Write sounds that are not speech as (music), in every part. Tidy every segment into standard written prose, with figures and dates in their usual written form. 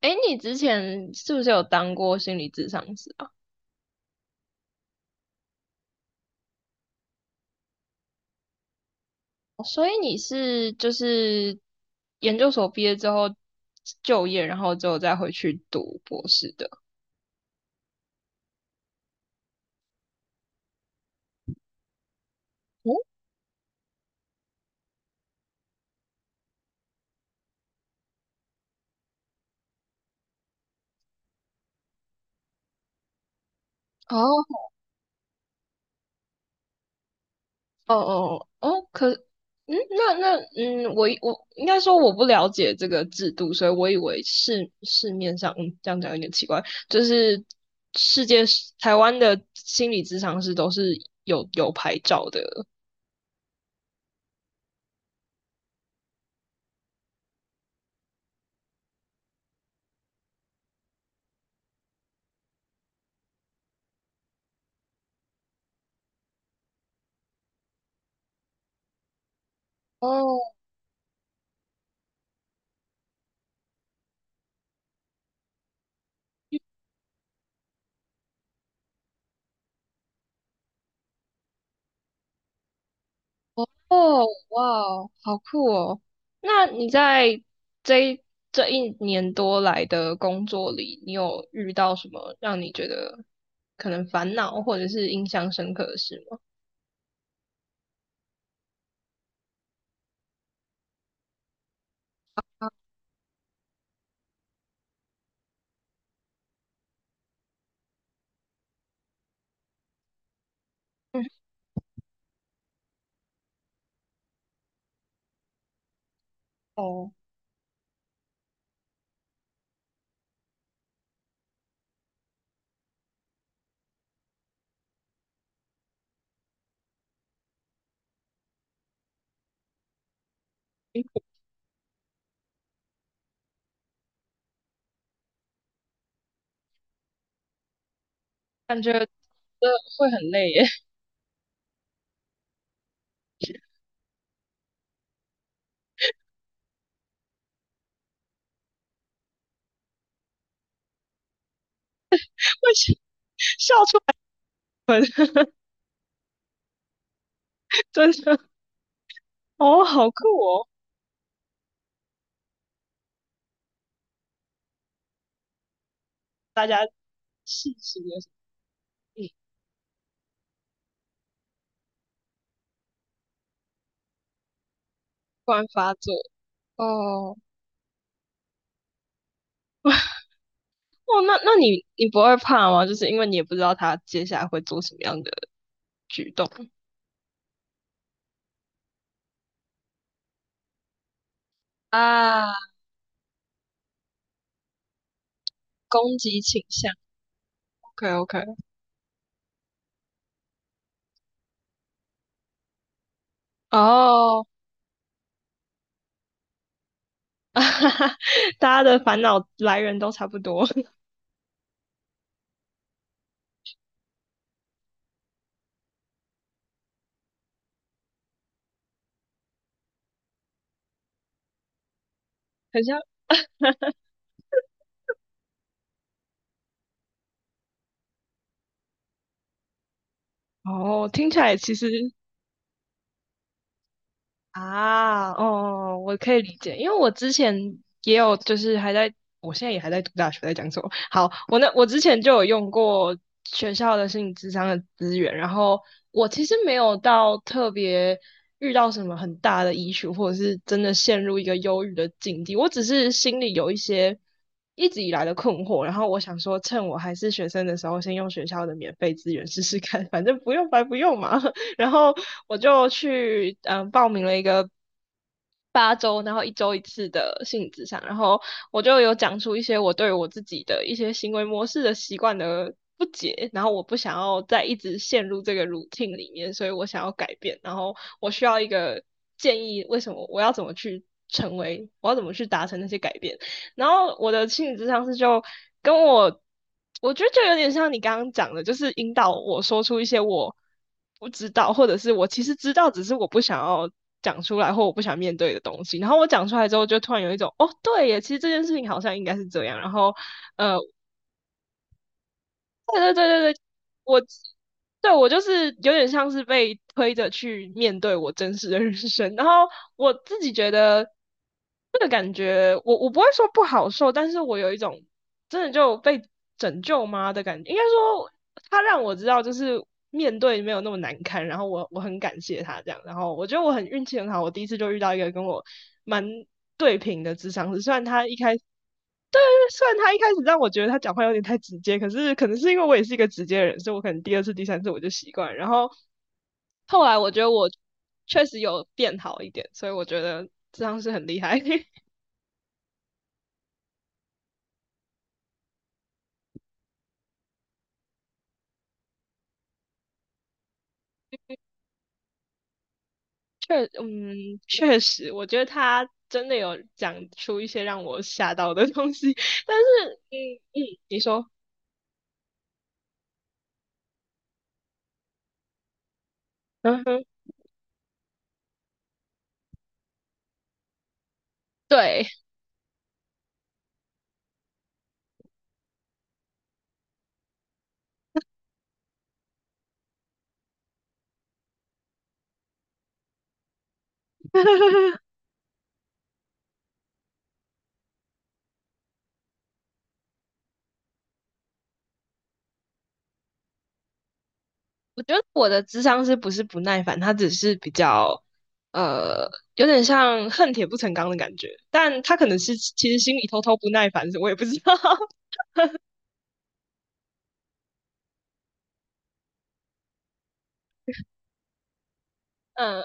哎，你之前是不是有当过心理咨商师啊？所以你是就是研究所毕业之后就业，然后之后再回去读博士的。哦哦哦哦哦，那我应该说我不了解这个制度，所以我以为市面上，这样讲有点奇怪，就是世界台湾的心理咨商师都是有牌照的。哦哦，哇哦好酷哦！那你在这一这一年多来的工作里，你有遇到什么让你觉得可能烦恼或者是印象深刻的事吗？(laughs) 嗯，哦，感觉这会很累耶，(laughs) 会笑出门，(laughs) 真的。哦，好酷哦！大家细数的时候，嗯，突然发作。哦，哦，那你不会怕吗？就是因为你也不知道他接下来会做什么样的举动。啊，攻击倾向。OK OK，哦，(laughs) 大家的烦恼来源都差不多，很像哦，听起来其实啊，哦，我可以理解，因为我之前也有，就是还在，我现在也还在读大学，在讲什么？好，我那我之前就有用过学校的心理咨商的资源，然后我其实没有到特别遇到什么很大的 i s 或者是真的陷入一个忧郁的境地，我只是心里有一些一直以来的困惑，然后我想说，趁我还是学生的时候，先用学校的免费资源试试看，反正不用白不用嘛。(laughs) 然后我就去报名了一个8周，然后一周一次的性质上，然后我就有讲出一些我对我自己的一些行为模式的习惯的不解，然后我不想要再一直陷入这个 routine 里面，所以我想要改变，然后我需要一个建议，为什么我要怎么去成为，我要怎么去达成那些改变。然后我的心理咨商师就跟我，我觉得就有点像你刚刚讲的，就是引导我说出一些我不知道，或者是我其实知道，只是我不想要讲出来或我不想面对的东西。然后我讲出来之后，就突然有一种哦，对耶，其实这件事情好像应该是这样。然后呃，对对对对对，我对我就是有点像是被推着去面对我真实的人生，然后我自己觉得这个感觉，我不会说不好受，但是我有一种真的就被拯救吗的感觉，应该说他让我知道就是面对没有那么难堪，然后我很感谢他这样，然后我觉得我很运气很好，我第一次就遇到一个跟我蛮对平的智商师，虽然他一开始让我觉得他讲话有点太直接，可是可能是因为我也是一个直接的人，所以我可能第二次、第三次我就习惯，然后后来我觉得我确实有变好一点，所以我觉得这样是很厉害。(laughs) 确实，我觉得他真的有讲出一些让我吓到的东西。(laughs) 但是，嗯嗯，你说，嗯哼，对，我觉得我的智商是不是不耐烦，他只是比较呃，有点像恨铁不成钢的感觉，但他可能是其实心里偷偷不耐烦，我也不知道。(laughs) 嗯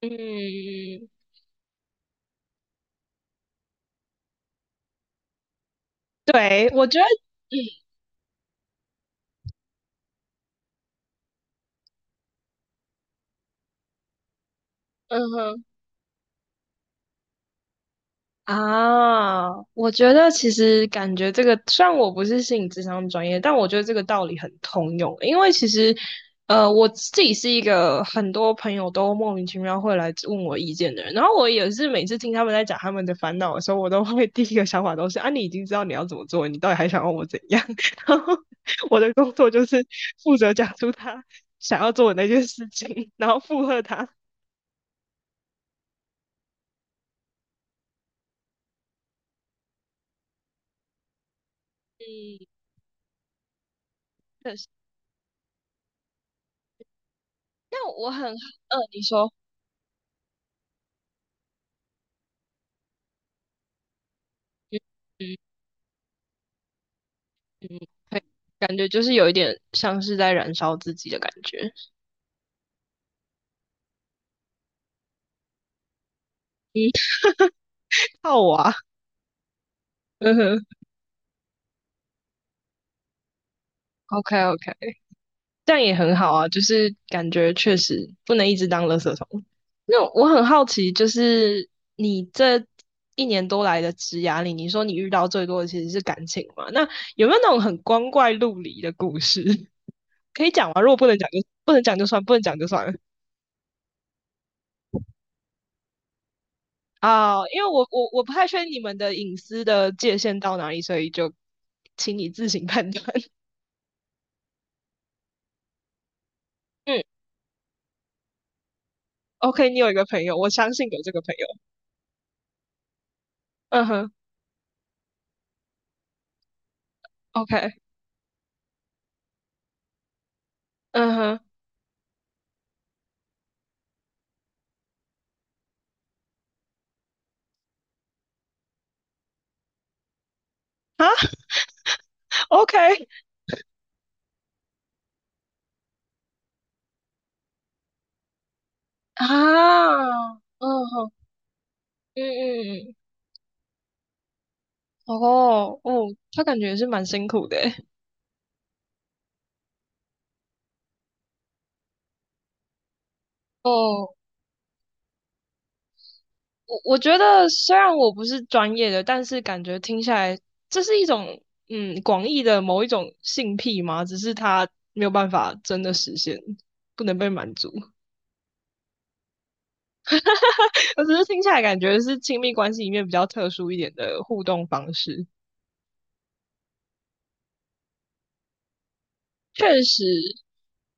嗯，对，我觉得，嗯嗯哼。啊，我觉得其实感觉这个，虽然我不是心理咨商专业，但我觉得这个道理很通用。因为其实，我自己是一个很多朋友都莫名其妙会来问我意见的人，然后我也是每次听他们在讲他们的烦恼的时候，我都会 (laughs) 第一个想法都是啊，你已经知道你要怎么做，你到底还想要我怎样？(laughs) 然后我的工作就是负责讲出他想要做的那件事情，然后附和他。嗯，确实。那我很，嗯、你说。嗯嗯，对，感觉就是有一点像是在燃烧自己的感觉。嗯，好啊，嗯哼，OK OK，这样也很好啊，就是感觉确实不能一直当垃圾桶。那我很好奇，就是你这一年多来的职涯里，你说你遇到最多的其实是感情嘛？那有没有那种很光怪陆离的故事？(laughs) 可以讲吗？如果不能讲就算，不能讲就算了。啊，因为我不太确定你们的隐私的界限到哪里，所以就请你自行判断。(laughs) 嗯，OK，你有一个朋友，我相信有这个朋友。嗯哼，OK，嗯哼，啊 (laughs)，OK，啊，嗯哼，嗯嗯嗯，哦哦，他感觉也是蛮辛苦的欸。哦我觉得虽然我不是专业的，但是感觉听下来，这是一种广义的某一种性癖嘛，只是它没有办法真的实现，不能被满足。(laughs) 我只是听下来感觉是亲密关系里面比较特殊一点的互动方式。确实，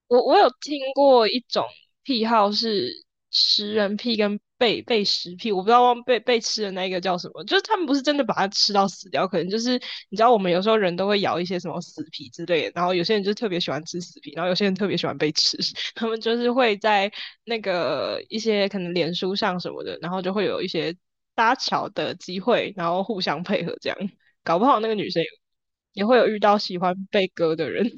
我有听过一种癖好是食人癖跟被食癖，我不知道忘被吃的那一个叫什么，就是他们不是真的把它吃到死掉，可能就是你知道我们有时候人都会咬一些什么死皮之类的，然后有些人就特别喜欢吃死皮，然后有些人特别喜欢被吃，(laughs) 他们就是会在那个一些可能脸书上什么的，然后就会有一些搭桥的机会，然后互相配合这样，搞不好那个女生也会有遇到喜欢被割的人。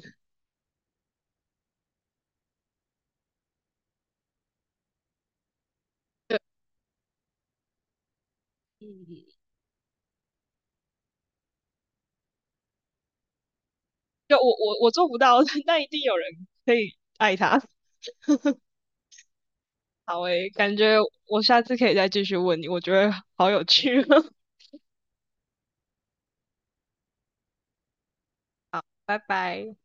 (laughs) 嗯，就我做不到，(laughs) 但一定有人可以爱他。好诶，感觉我下次可以再继续问你，我觉得好有趣哦 (laughs) 拜拜。